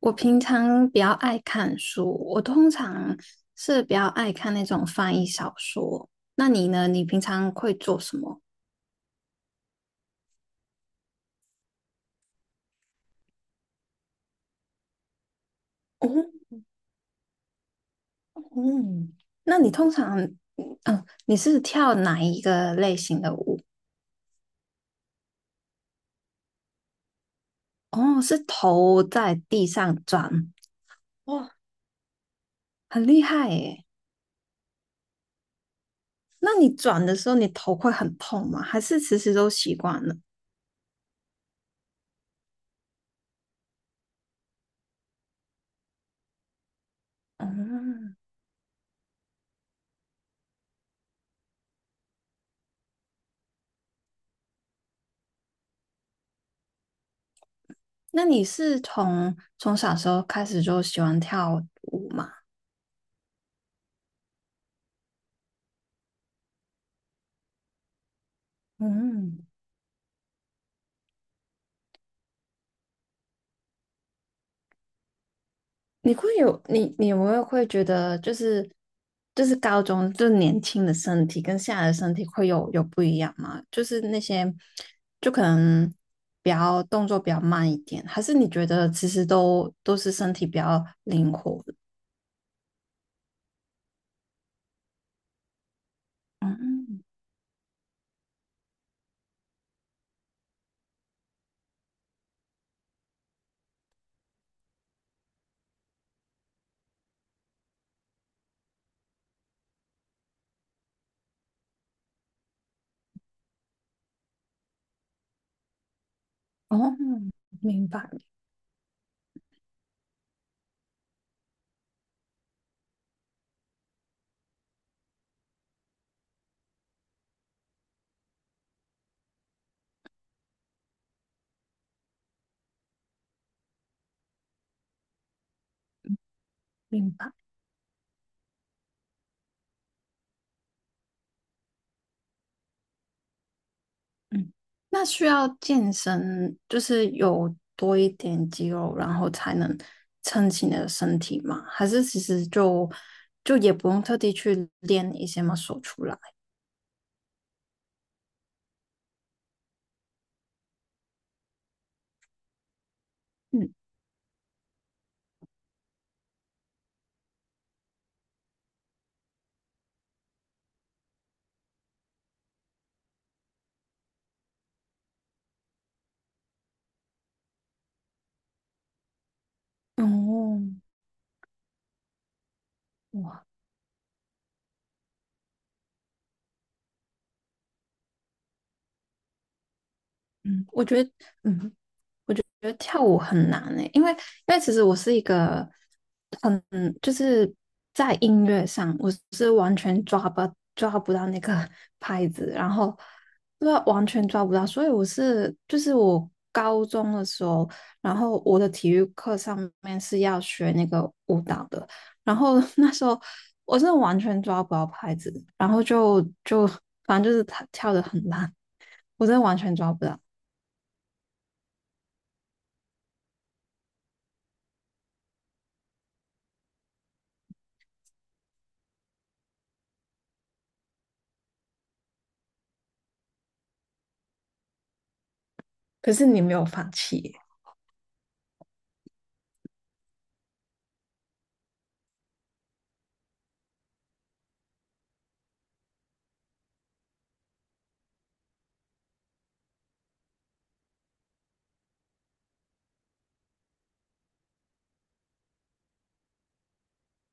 我平常比较爱看书，我通常是比较爱看那种翻译小说。那你呢？你平常会做什么？哦，嗯，那你通常，嗯，哦你是跳哪一个类型的舞？哦，是头在地上转，哇，很厉害耶。那你转的时候，你头会很痛吗？还是其实都习惯了？嗯，那你是从小时候开始就喜欢跳舞吗？嗯。你有没有会觉得就是高中就是年轻的身体跟现在的身体会有不一样吗？就是那些就可能比较动作比较慢一点，还是你觉得其实都是身体比较灵活的？嗯，哦，明白明白。嗯，那需要健身，就是有多一点肌肉，然后才能撑起你的身体吗？还是其实就也不用特地去练一些嘛，出来？嗯哦，哇，嗯，我觉得，嗯，觉得跳舞很难诶、因为其实我是一个很就是在音乐上，我是完全抓不到那个 拍子，然后对啊，完全抓不到，所以就是我高中的时候，然后我的体育课上面是要学那个舞蹈的，然后 那时候我真的完全抓不到拍子，然后反正就是跳的很烂，我真的完全抓不到，可是你没有放弃耶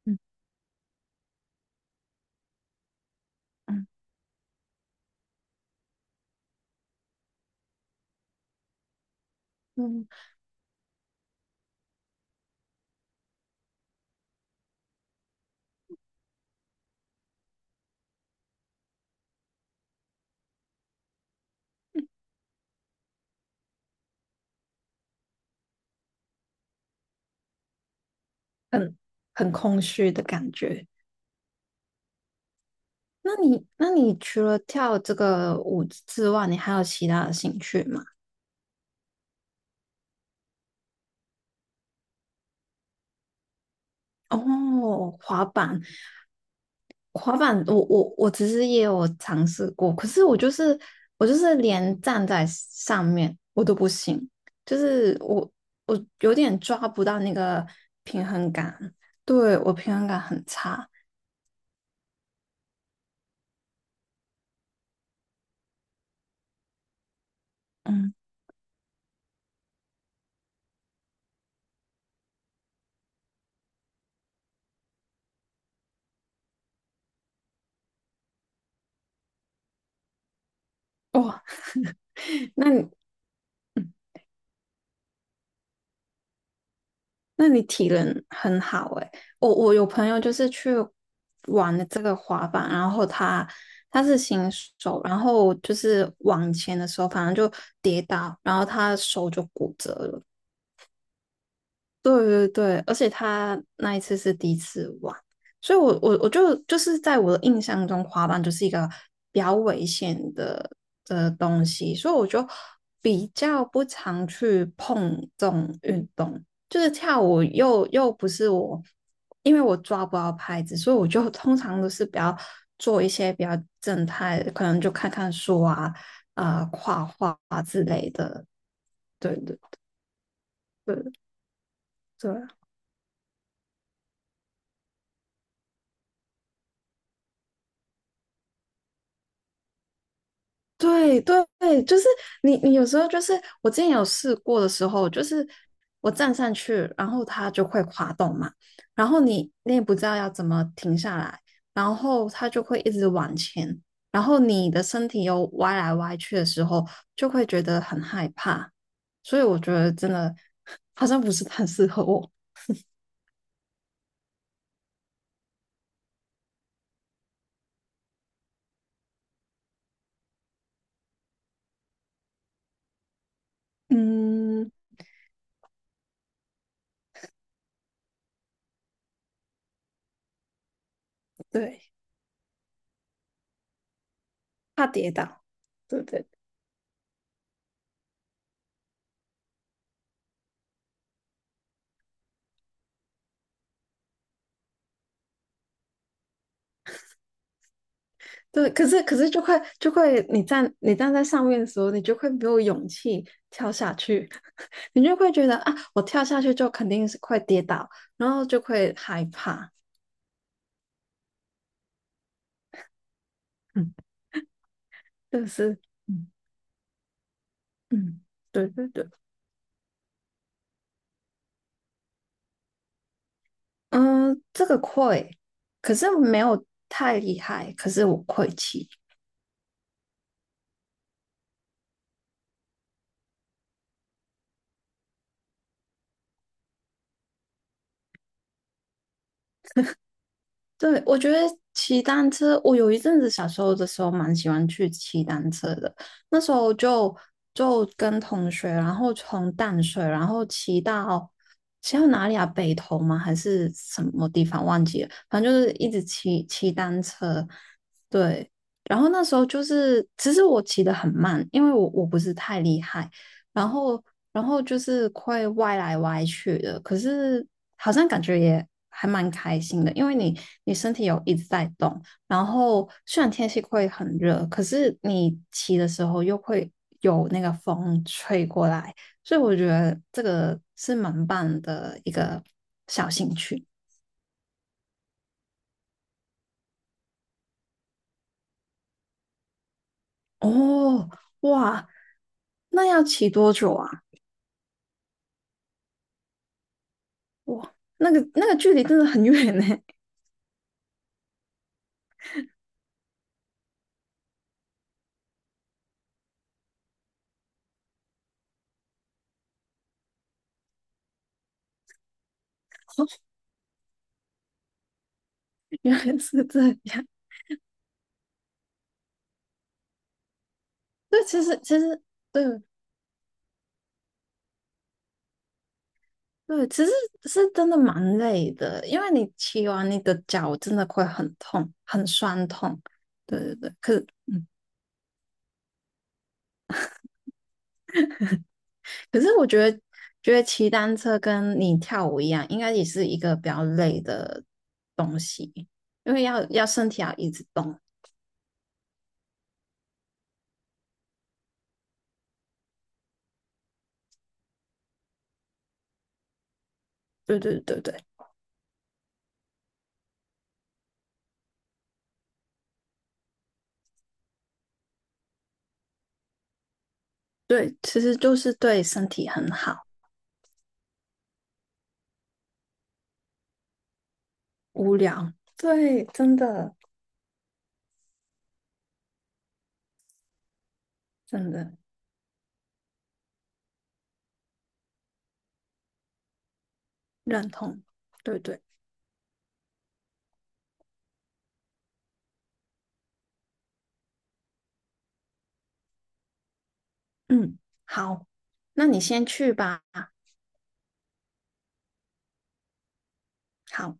嗯嗯。嗯，很很空虚的感觉。那你除了跳这个舞之外，你还有其他的兴趣吗？哦，滑板，滑板，我其实也有尝试过，可是我就是连站在上面我都不行，就是我有点抓不到那个平衡感，对，我平衡感很差。嗯，哇，那你？那你体能很好诶、我有朋友就是去玩了这个滑板，然后他是新手，然后就是往前的时候，反正就跌倒，然后他手就骨折了。对对对，而且他那一次是第一次玩，所以我就是在我的印象中，滑板就是一个比较危险的东西，所以我就比较不常去碰这种运动。就是跳舞又不是我，因为我抓不到拍子，所以我就通常都是比较做一些比较正态的，可能就看看书啊、画画啊之类的。对对对对。对对对，就是你有时候就是我之前有试过的时候，就是我站上去，然后它就会滑动嘛，然后你也不知道要怎么停下来，然后它就会一直往前，然后你的身体又歪来歪去的时候，就会觉得很害怕，所以我觉得真的 好像不是很适合我。嗯，对，怕跌倒。对对对，可是就会，你站在上面的时候，你就会没有勇气跳下去，你就会觉得啊，我跳下去就肯定是会跌倒，然后就会害怕。嗯，就是嗯嗯，对对对，嗯，这个会，可是没有太厉害，可是我会骑。对，我觉得骑单车，我有一阵子小时候的时候蛮喜欢去骑单车的。那时候就跟同学，然后从淡水，然后骑到哪里啊？北投吗？还是什么地方？忘记了。反正就是一直骑单车。对，然后那时候就是，其实我骑得很慢，因为我不是太厉害。然后然后就是会歪来歪去的，可是好像感觉也还蛮开心的，因为你身体有一直在动，然后虽然天气会很热，可是你骑的时候又会有那个风吹过来，所以我觉得这个是蛮棒的一个小兴趣哦，哇，那要骑多久啊？哇，那个距离真的很远呢，原来是这样。对，其实对对，其实是真的蛮累的，因为你骑完你的脚真的会很痛，很酸痛。对对对，可是我觉得，觉得骑单车跟你跳舞一样，应该也是一个比较累的东西，因为要身体要一直动。对对对对对，其实就是对身体很好。无聊，对，真的真的认同。对对，嗯，好，那你先去吧。好。